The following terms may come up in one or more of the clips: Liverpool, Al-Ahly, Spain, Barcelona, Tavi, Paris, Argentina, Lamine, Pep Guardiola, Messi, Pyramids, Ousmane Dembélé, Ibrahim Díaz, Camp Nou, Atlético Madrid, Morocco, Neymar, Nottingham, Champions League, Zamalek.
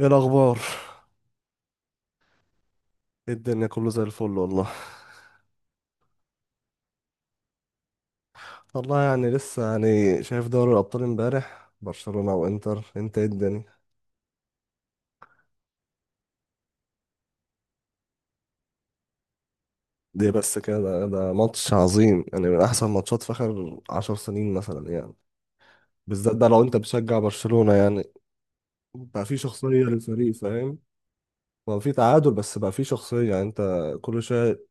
ايه الاخبار؟ إيه الدنيا، كله زي الفل والله. والله يعني لسه، يعني شايف دوري الابطال امبارح، برشلونة وانتر، انت ايه الدنيا؟ دي بس كده، ده ماتش عظيم، يعني من احسن ماتشات في اخر عشر سنين مثلا يعني. بالذات ده لو انت بتشجع برشلونة يعني. بقى في شخصية للفريق، فاهم. هو في تعادل، بس بقى في شخصية، يعني انت كل شوية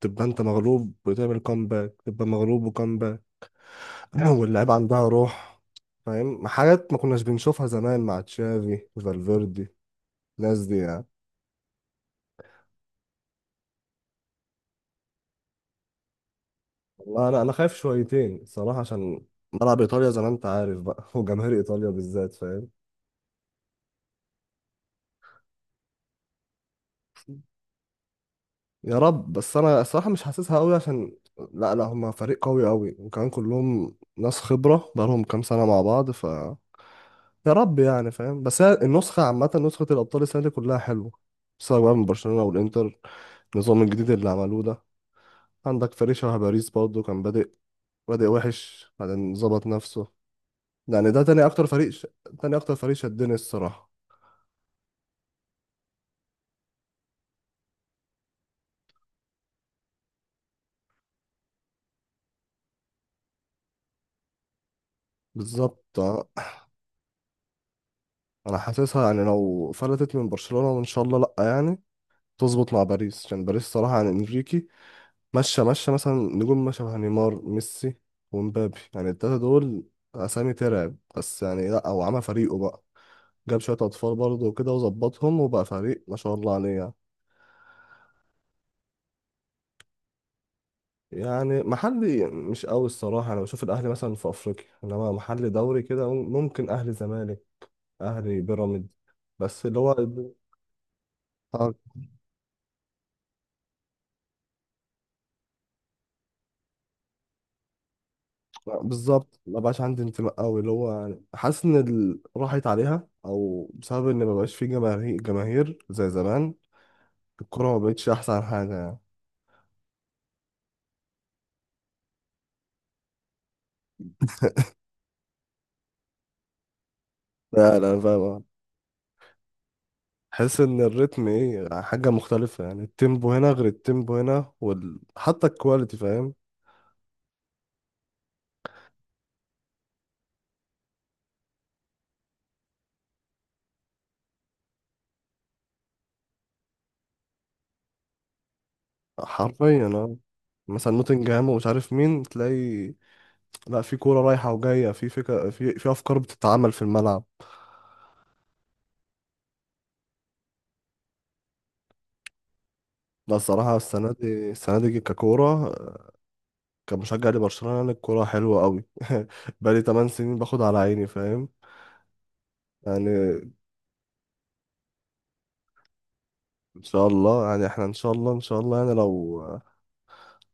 تبقى انت مغلوب وتعمل كومباك، تبقى مغلوب وكومباك. واللعيبة عندها روح، فاهم. حاجات ما كناش بنشوفها زمان مع تشافي وفالفيردي، الناس دي يعني. والله انا خايف شويتين صراحه، عشان ملعب ايطاليا زي ما انت عارف بقى، وجماهير ايطاليا بالذات، فاهم. يا رب، بس انا الصراحه مش حاسسها قوي، عشان لا لا، هما فريق قوي قوي، وكمان كلهم ناس خبره، بقالهم كام سنه مع بعض يا رب يعني، فاهم، بس هي النسخه عامه، نسخه الابطال السنه دي كلها حلوه، سواء بقى من برشلونه والانتر. النظام الجديد اللي عملوه ده، عندك فريق شبه باريس برضه، كان بادئ وحش، بعدين ظبط نفسه. يعني ده تاني اكتر فريق تاني اكتر فريق شدني الصراحه. بالظبط آه. انا حاسسها يعني لو فلتت من برشلونة، وان شاء الله لا، يعني تظبط مع باريس، عشان باريس صراحة يعني انريكي ماشية ماشية، مثلا نجوم ما شبه نيمار، ميسي ومبابي، يعني التلاتة دول اسامي ترعب. بس يعني، لا هو عمل فريقه بقى، جاب شوية اطفال برضه وكده وظبطهم، وبقى فريق ما شاء الله عليه يعني. يعني محلي مش قوي الصراحة، انا بشوف الاهلي مثلا في افريقيا، انما محلي دوري كده ممكن اهلي زمالك، اهلي بيراميدز. بس اللي هو بالظبط ما بقاش عندي انتماء قوي، اللي هو يعني حاسس ان راحت عليها، او بسبب ان ما بقاش في جماهير جماهير زي زمان، الكرة ما بقتش احسن حاجة يعني. لا لا فاهم. حس ان الريتم ايه، حاجة مختلفة، يعني التيمبو هنا غير التيمبو هنا حتى الكواليتي فاهم. حرفيا اه. مثلا نوتنجهام ومش عارف مين تلاقي. لا، في كورة رايحة وجاية، في فكرة، في افكار بتتعمل في الملعب. لا الصراحة، السنة دي، ككورة كمشجع لبرشلونة، يعني الكورة حلوة قوي. بقالي 8 سنين باخد على عيني، فاهم يعني. ان شاء الله، يعني احنا ان شاء الله، ان شاء الله يعني، لو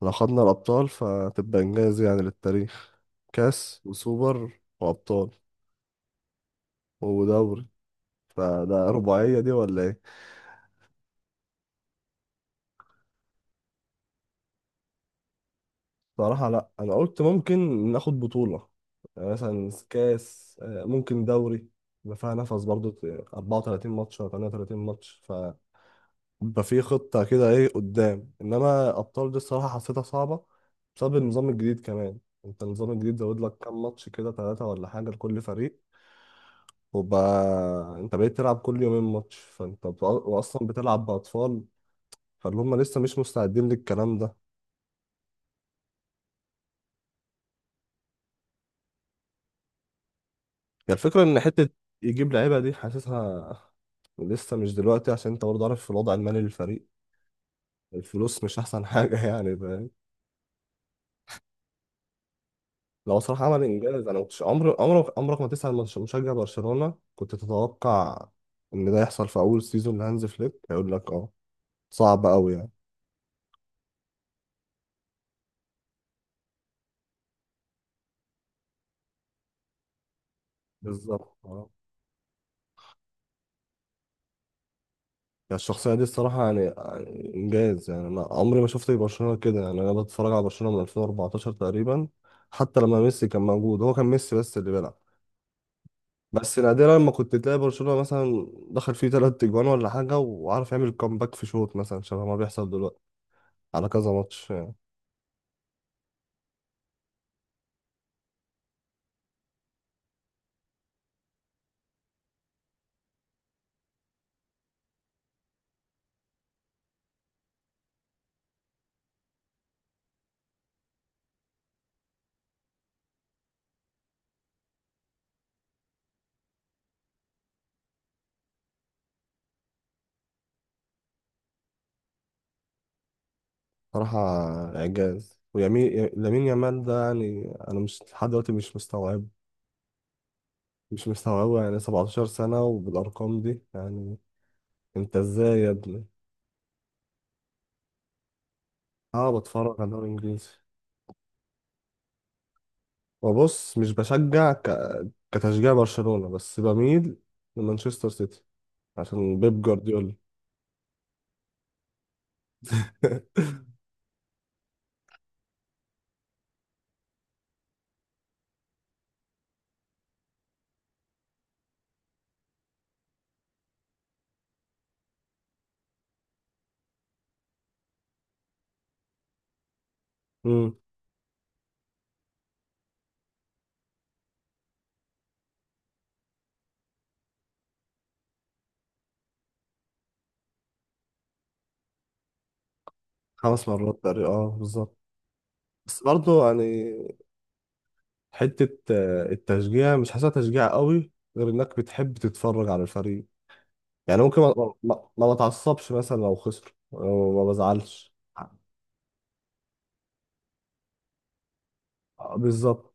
خدنا الابطال فتبقى انجاز يعني للتاريخ، كاس وسوبر وابطال ودوري، فده رباعية دي ولا ايه؟ صراحة لا، انا قلت ممكن ناخد بطولة، يعني مثلا كاس، ممكن دوري، يبقى فيها نفس برضه 34 ماتش ولا 38 ماتش، يبقى في خطة كده ايه قدام. انما ابطال دي الصراحة حسيتها صعبة، بسبب النظام الجديد كمان. انت النظام الجديد زود لك كام ماتش كده، ثلاثة ولا حاجة لكل فريق، وبقى انت بقيت تلعب كل يومين ماتش، فانت واصلا بتلعب بأطفال، فاللي هم لسه مش مستعدين للكلام ده. هي الفكرة ان حتة يجيب لعيبة دي، حاسسها لسه مش دلوقتي، عشان انت برضه عارف الوضع المالي للفريق، الفلوس مش احسن حاجة يعني فاهم. لو صراحة عمل إنجاز، أنا مكنتش عمرك ما تسأل مشجع برشلونة، كنت تتوقع إن ده يحصل في أول سيزون لهانز فليك؟ هيقول لك أه، صعب أوي يعني. بالظبط أه. يعني الشخصية دي الصراحة، يعني إنجاز، يعني أنا عمري ما شفت برشلونة كده، يعني أنا بتفرج على برشلونة من 2014 تقريبا. حتى لما ميسي كان موجود، هو كان ميسي بس اللي بيلعب، بس نادرا لما كنت تلاقي برشلونة مثلا دخل فيه تلات تجوان ولا حاجة وعارف يعمل كومباك في شوط، مثلا شبه ما بيحصل دلوقتي على كذا ماتش. صراحة إعجاز، ويمين لامين يامال ده، يعني أنا مش لحد دلوقتي مش مستوعب، مش مستوعبه، يعني 17 سنة وبالأرقام دي، يعني أنت إزاي يا ابني؟ أه بتفرج على الدوري الإنجليزي. وبص مش بشجع كتشجيع برشلونة، بس بميل لمانشستر سيتي عشان بيب جوارديولا. مم. خمس مرات تقريبا، أه بالظبط. بس برضه يعني، حتة التشجيع مش حاسسها تشجيع قوي، غير إنك بتحب تتفرج على الفريق، يعني ممكن ما بتعصبش مثلا لو خسر، أو ما بزعلش. آه، بالظبط.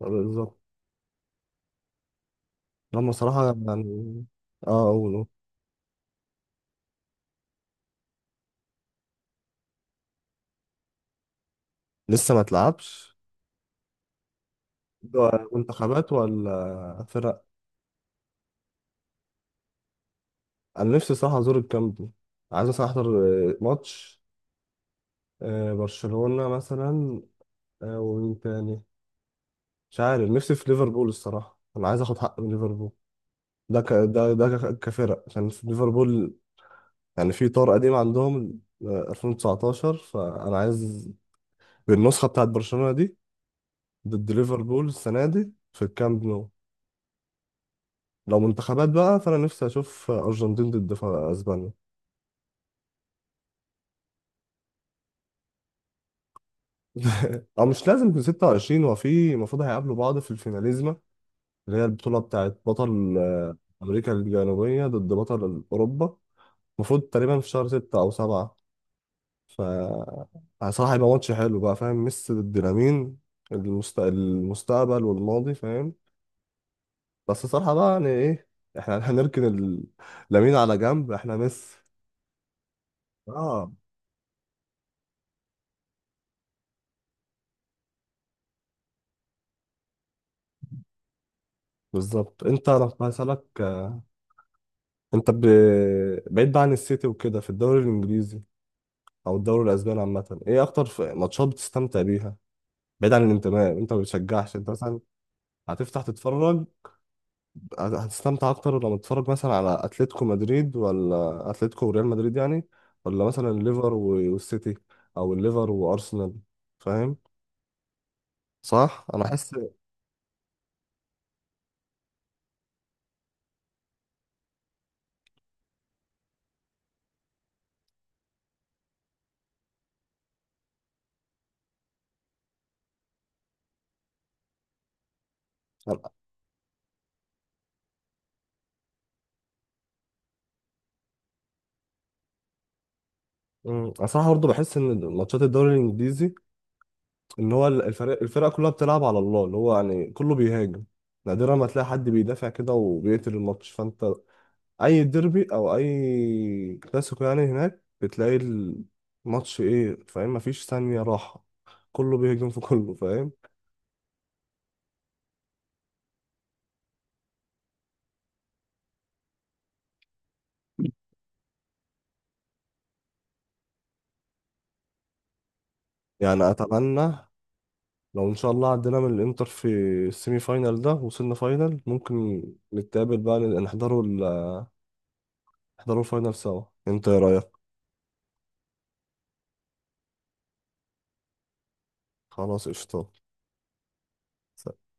بالظبط. لما صراحة يعني، اه اقوله. لسه ما تلعبش. ده منتخبات ولا فرق؟ انا نفسي صراحة ازور الكامب نو، عايز مثلا احضر ماتش، برشلونة مثلا، ومين تاني؟ مش عارف، نفسي في ليفربول الصراحة، انا عايز اخد حق من ليفربول. ده ك... ده ده ك- كفرق، عشان في ليفربول يعني في طار قديم عندهم، 2019، فانا عايز بالنسخه بتاعت برشلونه دي ضد ليفربول السنه دي في الكامب نو. لو منتخبات بقى، فانا نفسي اشوف ارجنتين ضد اسبانيا. او مش لازم في 26، هو في المفروض هيقابلوا بعض في الفيناليزما، اللي هي البطوله بتاعت بطل امريكا الجنوبيه ضد بطل اوروبا. المفروض تقريبا في شهر 6 او 7. ف يعني صراحه هيبقى ماتش حلو بقى، فاهم، ميسي ضد لامين، المستقبل والماضي فاهم. بس صراحة بقى، يعني ايه، احنا هنركن لامين على جنب، احنا ميسي. اه بالظبط. انت انا كنت هسألك، انت ب... بعيد بقى عن السيتي وكده في الدوري الانجليزي او الدوري الاسباني عامة، ايه اكتر ماتشات بتستمتع بيها، بعيد عن الانتماء انت ما بتشجعش، انت مثلا هتفتح تتفرج، هتستمتع اكتر لما تتفرج مثلا على اتلتيكو مدريد، ولا اتلتيكو وريال مدريد يعني، ولا مثلا الليفر والسيتي، او الليفر وارسنال، فاهم؟ صح، انا احس، اصلا برضه بحس ان ماتشات الدوري الانجليزي، ان هو الفرق كلها بتلعب على الله، اللي هو يعني كله بيهاجم، نادرا ما تلاقي حد بيدافع كده وبيقتل الماتش. فانت اي ديربي او اي كلاسيكو يعني، هناك بتلاقي الماتش ايه، فاهم، مفيش ثانية راحة، كله بيهاجم في كله، فاهم. يعني اتمنى لو ان شاء الله عدينا من الانتر في السيمي فاينال ده، وصلنا فاينال، ممكن نتقابل بقى، نحضروا نحضروا الفاينال سوا، انت ايه رايك؟ خلاص قشطة. سلام.